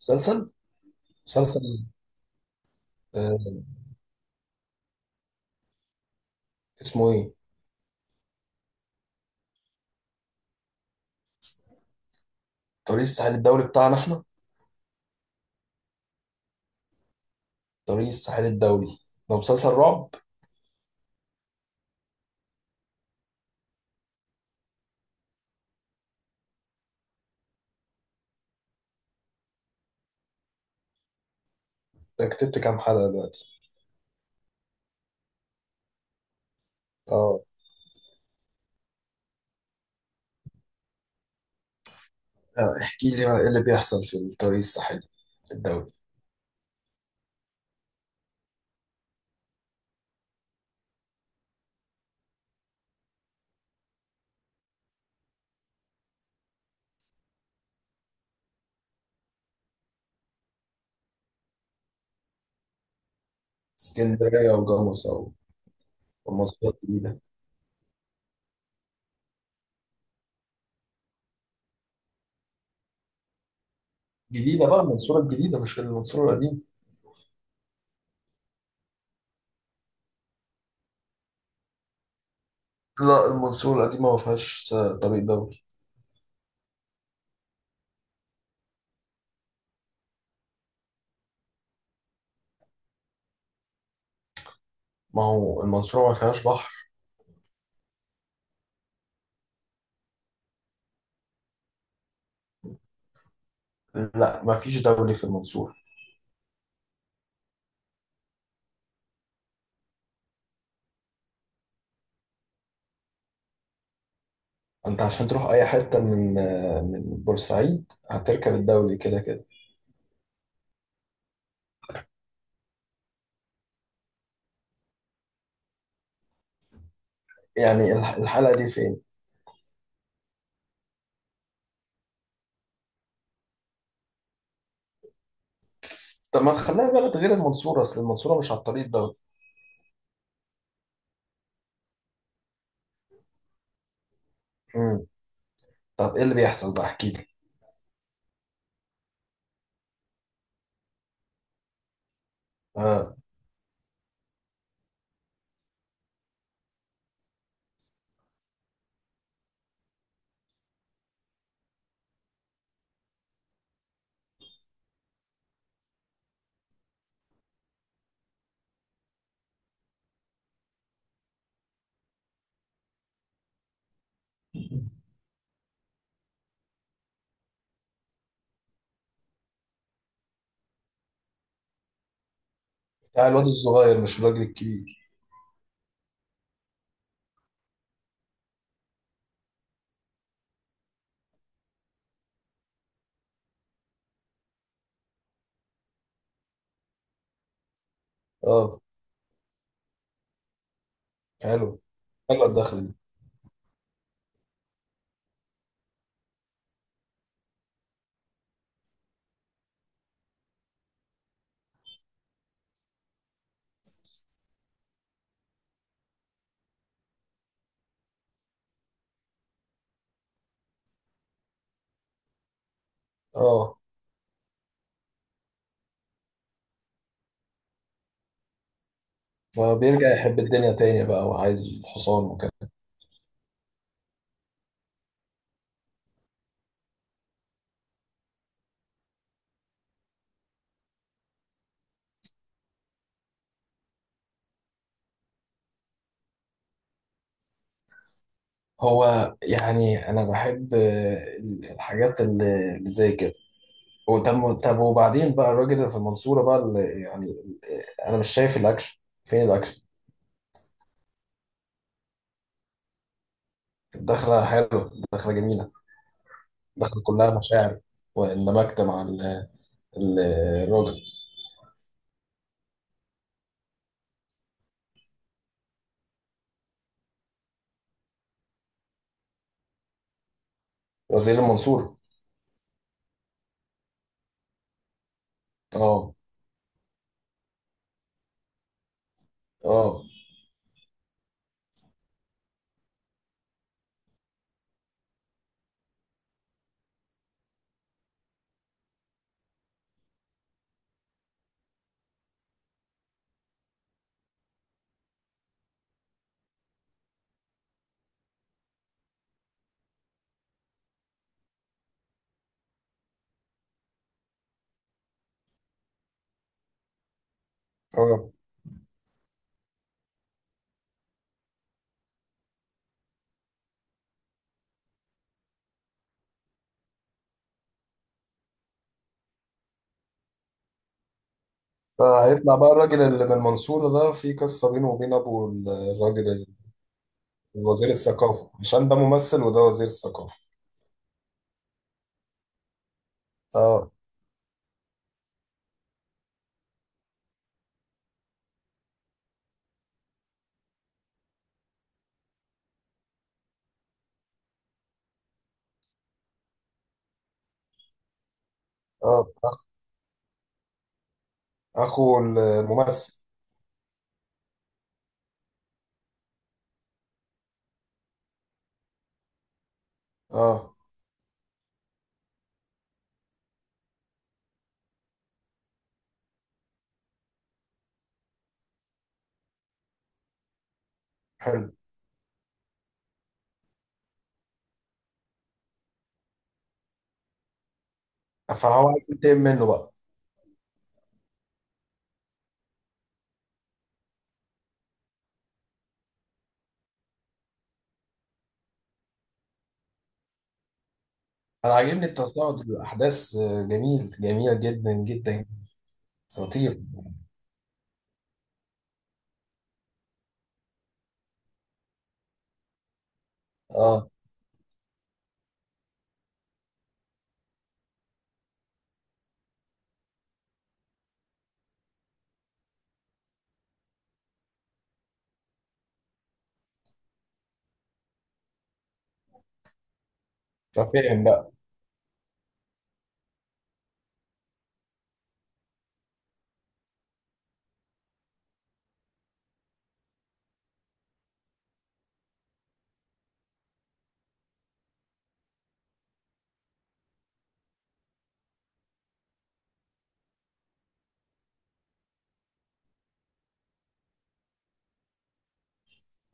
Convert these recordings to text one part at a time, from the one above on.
مسلسل؟ مسلسل؟ آه، اسمه ايه؟ طريق الساحل الدولي بتاعنا احنا. طريق الساحل الدولي. ده مسلسل رعب؟ ده كتبت كام حلقة دلوقتي؟ اه. آه، احكي لي بقى ايه اللي بيحصل في الطريق الساحلي الدولي. اسكندرية وجاموس او المنصورة الجديدة. جديدة بقى المنصورة الجديدة مش المنصورة القديمة. لا، المنصورة القديمة ما فيهاش طريق دولي. ما هو المنصورة ما فيهاش بحر. لا، ما فيش دولي في المنصورة. انت عشان تروح اي حتة من من بورسعيد هتركب الدولي كده كده. يعني الحلقة دي فين؟ طب ما تخليها بلد غير المنصورة، أصل المنصورة مش على الطريق ده. مم. طب إيه اللي بيحصل بقى؟ احكي لي. آه. بتاع الواد الصغير مش الراجل الكبير؟ آه. حلو. حلوة الدخلة دي. آه. فبيرجع يحب الدنيا تاني بقى وعايز الحصان وكده. هو يعني أنا بحب الحاجات اللي زي كده. وطب طب وبعدين بقى الراجل اللي في المنصورة بقى اللي يعني أنا مش شايف الأكشن. فين الأكشن؟ الدخلة حلوة. الدخلة جميلة. دخل كلها مشاعر، واندمجت مع ال- الراجل. وزير المنصورة؟ اه. اه. اه. فهيطلع بقى الراجل اللي من المنصورة ده في قصة بينه وبين أبو الراجل وزير الثقافة، عشان ده ممثل وده وزير الثقافة. اه. اه. أخو الممثل. اه. حلو. فهو عايز ينتقم منه بقى. أنا عاجبني التصاعد الأحداث جميل جميل جدا جدا. خطير. اه. ففهم بقى.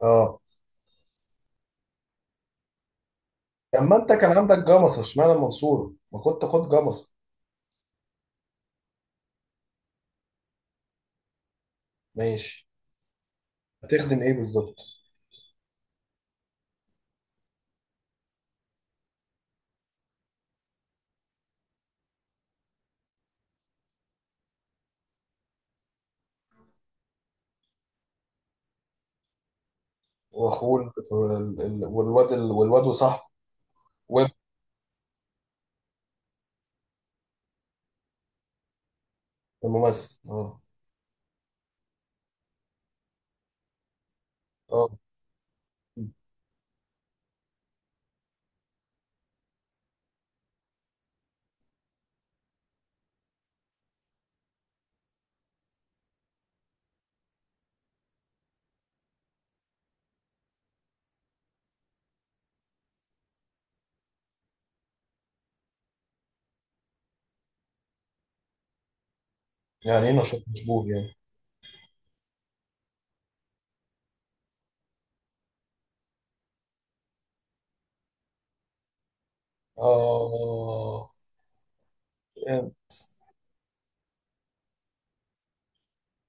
اه. طب ما انت كان عندك جمصة، اشمعنى المنصورة؟ ما كنت خد جمصة. ماشي. هتخدم ايه بالظبط؟ واخوه والواد وصاحبه. وابن الممثل. اه. اه. يعني ايه نشاط مشبوه يعني؟ اه، يعني.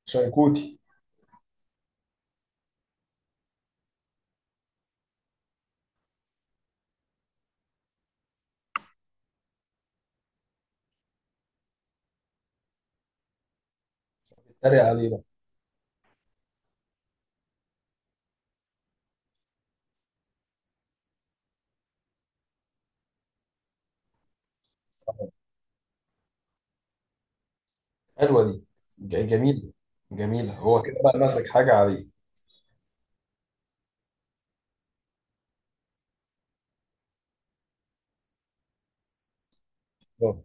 شيكوتي. اتريق عليه بقى. حلوه دي. جميله. جميله هو كده بقى ماسك حاجه عليه. اه.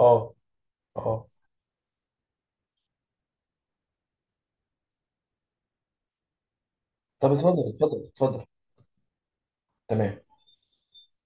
اه. اه. طب اتفضل اتفضل اتفضل. تمام.